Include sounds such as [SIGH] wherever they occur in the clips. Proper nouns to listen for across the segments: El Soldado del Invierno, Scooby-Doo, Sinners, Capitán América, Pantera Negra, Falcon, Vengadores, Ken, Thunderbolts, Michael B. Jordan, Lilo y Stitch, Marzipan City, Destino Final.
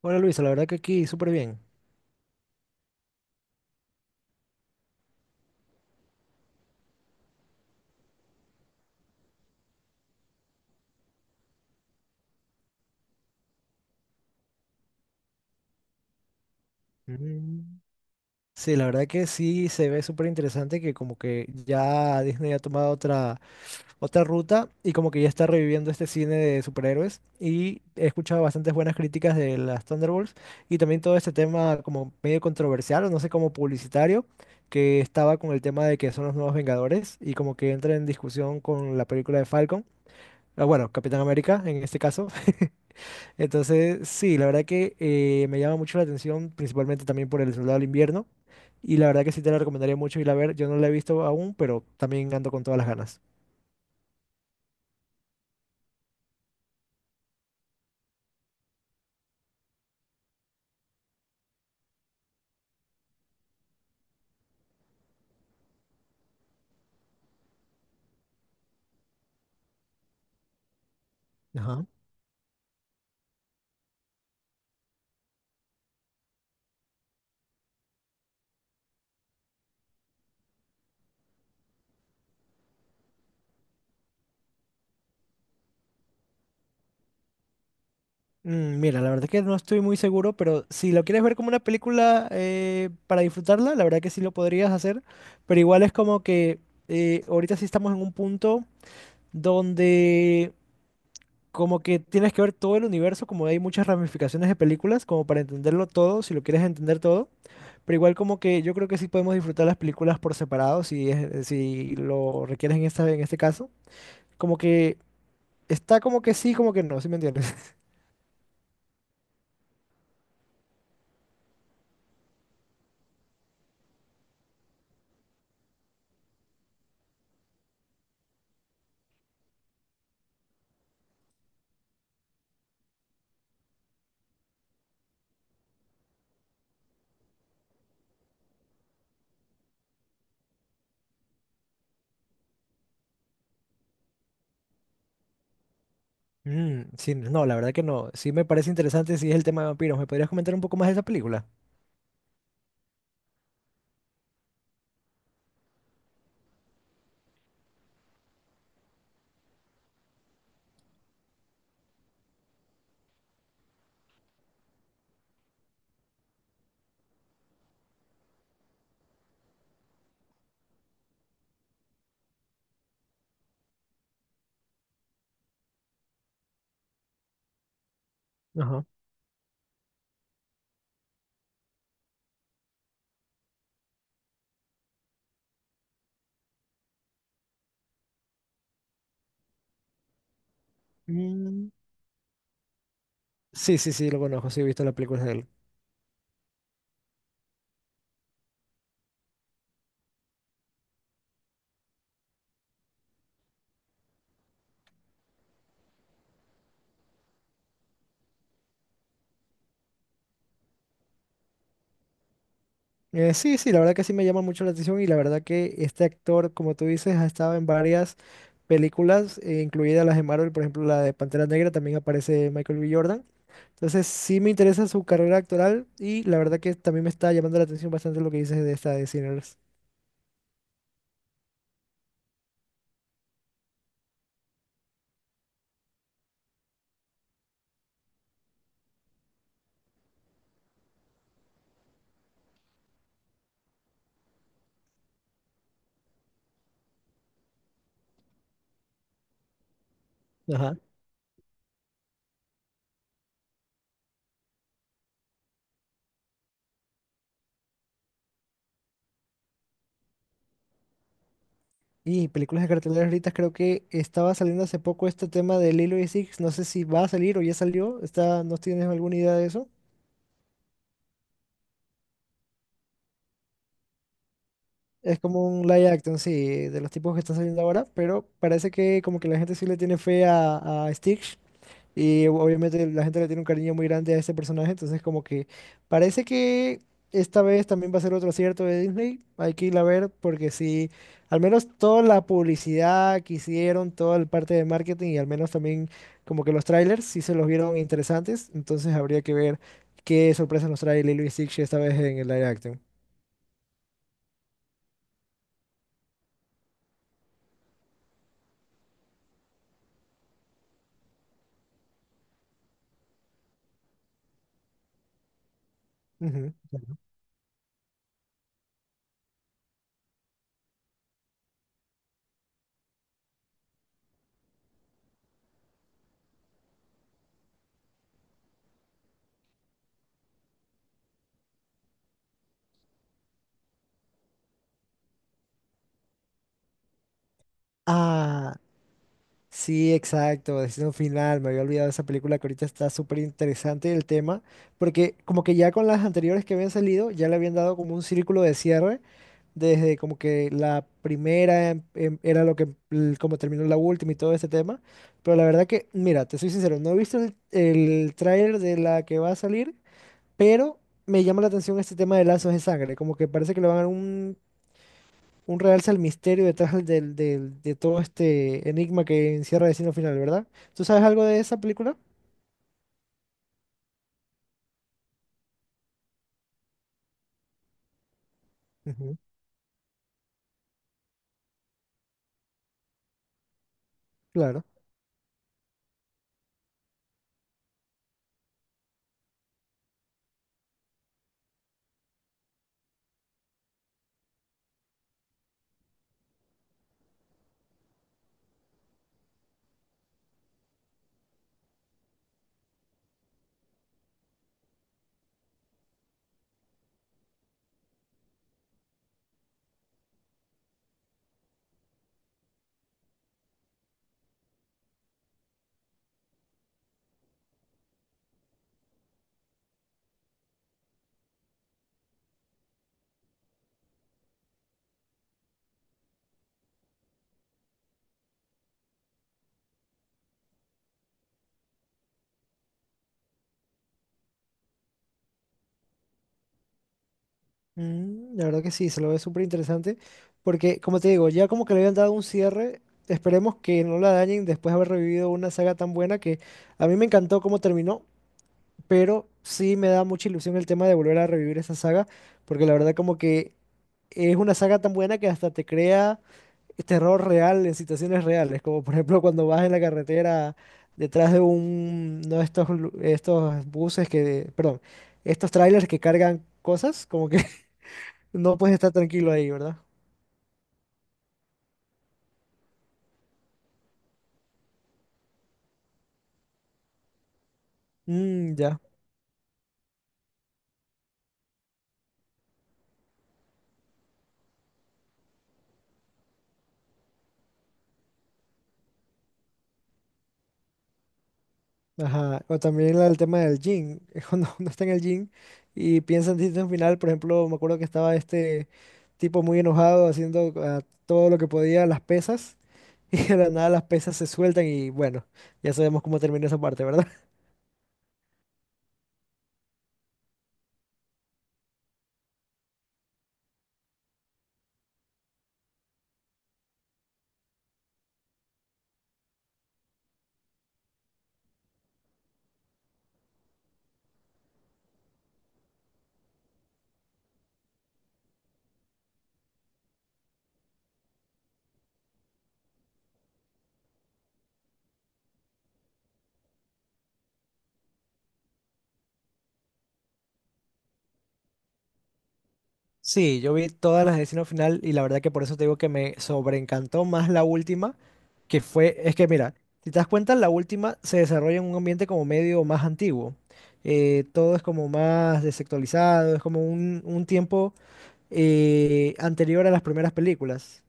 Hola Luisa, la verdad que aquí súper bien. Mm. Sí, la verdad que sí se ve súper interesante que como que ya Disney ha tomado otra ruta y como que ya está reviviendo este cine de superhéroes y he escuchado bastantes buenas críticas de las Thunderbolts y también todo este tema como medio controversial o no sé, como publicitario que estaba con el tema de que son los nuevos Vengadores y como que entra en discusión con la película de Falcon, ah, bueno, Capitán América en este caso. [LAUGHS] Entonces, sí, la verdad que me llama mucho la atención, principalmente también por El Soldado del Invierno. Y la verdad que sí te la recomendaría mucho ir a ver. Yo no la he visto aún, pero también ando con todas las ganas. Ajá. Mm, mira, la verdad que no estoy muy seguro, pero si lo quieres ver como una película para disfrutarla, la verdad que sí lo podrías hacer. Pero igual es como que ahorita sí estamos en un punto donde como que tienes que ver todo el universo, como hay muchas ramificaciones de películas, como para entenderlo todo, si lo quieres entender todo. Pero igual como que yo creo que sí podemos disfrutar las películas por separado, si es, si lo requieres en esta, en este caso. Como que está como que sí, como que no, ¿sí me entiendes? [LAUGHS] Mm, sí, no, la verdad que no. Sí me parece interesante si es el tema de vampiros. ¿Me podrías comentar un poco más de esa película? Ajá. Mm, sí, lo conozco, sí he visto las películas de él. Sí, sí, la verdad que sí me llama mucho la atención y la verdad que este actor, como tú dices, ha estado en varias películas, incluidas las de Marvel, por ejemplo, la de Pantera Negra, también aparece Michael B. Jordan. Entonces, sí me interesa su carrera actoral y la verdad que también me está llamando la atención bastante lo que dices de esta de Sinners. Ajá. Y películas de cartelera ahorita creo que estaba saliendo hace poco este tema de Lilo y Six, no sé si va a salir o ya salió, está, ¿no tienes alguna idea de eso? Es como un live action, sí, de los tipos que están saliendo ahora, pero parece que como que la gente sí le tiene fe a Stitch y obviamente la gente le tiene un cariño muy grande a este personaje, entonces como que parece que esta vez también va a ser otro acierto de Disney, hay que ir a ver porque sí, al menos toda la publicidad que hicieron, toda la parte de marketing y al menos también como que los trailers sí se los vieron interesantes, entonces habría que ver qué sorpresas nos trae Lilo y Stitch esta vez en el live action. Ujú. Ah. Sí, exacto, Destino Final, me había olvidado de esa película que ahorita está súper interesante el tema, porque como que ya con las anteriores que habían salido, ya le habían dado como un círculo de cierre, desde como que la primera era lo que, como terminó la última y todo este tema, pero la verdad que, mira, te soy sincero, no he visto el tráiler de la que va a salir, pero me llama la atención este tema de lazos de sangre, como que parece que le van a dar un realce al misterio detrás de todo este enigma que encierra Destino Final, ¿verdad? ¿Tú sabes algo de esa película? Ujú. Claro. Mm, la verdad que sí, se lo ve súper interesante, porque como te digo, ya como que le habían dado un cierre, esperemos que no la dañen después de haber revivido una saga tan buena que a mí me encantó cómo terminó, pero sí me da mucha ilusión el tema de volver a revivir esa saga, porque la verdad como que es una saga tan buena que hasta te crea terror real en situaciones reales, como por ejemplo cuando vas en la carretera detrás de un, no estos, estos buses que, perdón, estos trailers que cargan cosas, como que [LAUGHS] no puedes estar tranquilo ahí, ¿verdad? Mm, ya. Ajá. O también el tema del gym, [LAUGHS] es cuando uno está en el gym y piensa en Destino Final, por ejemplo, me acuerdo que estaba este tipo muy enojado haciendo todo lo que podía las pesas [LAUGHS] y de la nada las pesas se sueltan y bueno, ya sabemos cómo termina esa parte, ¿verdad? Sí, yo vi todas las de Final y la verdad que por eso te digo que me sobreencantó más la última, que fue, es que mira, si te das cuenta, la última se desarrolla en un ambiente como medio más antiguo. Todo es como más desactualizado, es como un tiempo anterior a las primeras películas.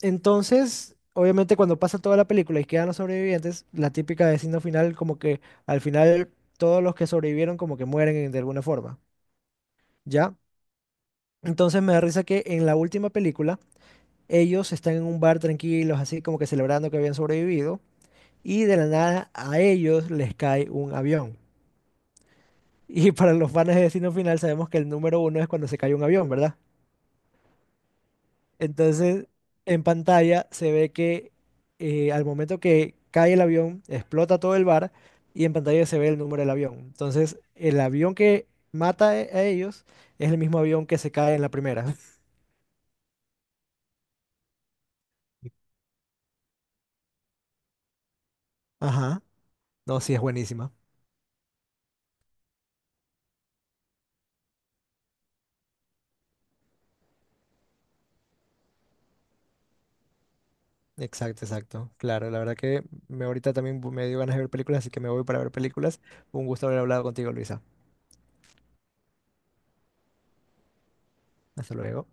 Entonces, obviamente cuando pasa toda la película y quedan los sobrevivientes, la típica de Final como que al final todos los que sobrevivieron como que mueren de alguna forma, ¿ya? Entonces me da risa que en la última película ellos están en un bar tranquilos, así como que celebrando que habían sobrevivido, y de la nada a ellos les cae un avión. Y [LAUGHS] para los fans de Destino Final sabemos que el número uno es cuando se cae un avión, ¿verdad? Entonces, en pantalla se ve que al momento que cae el avión, explota todo el bar y en pantalla se ve el número del avión. Entonces, el avión que mata a ellos es el mismo avión que se cae en la primera. [LAUGHS] Ajá. No, sí, es buenísima. Exacto, exacto. Claro, la verdad que me ahorita también me dio ganas de ver películas, así que me voy para ver películas. Un gusto haber hablado contigo, Luisa. Hasta luego.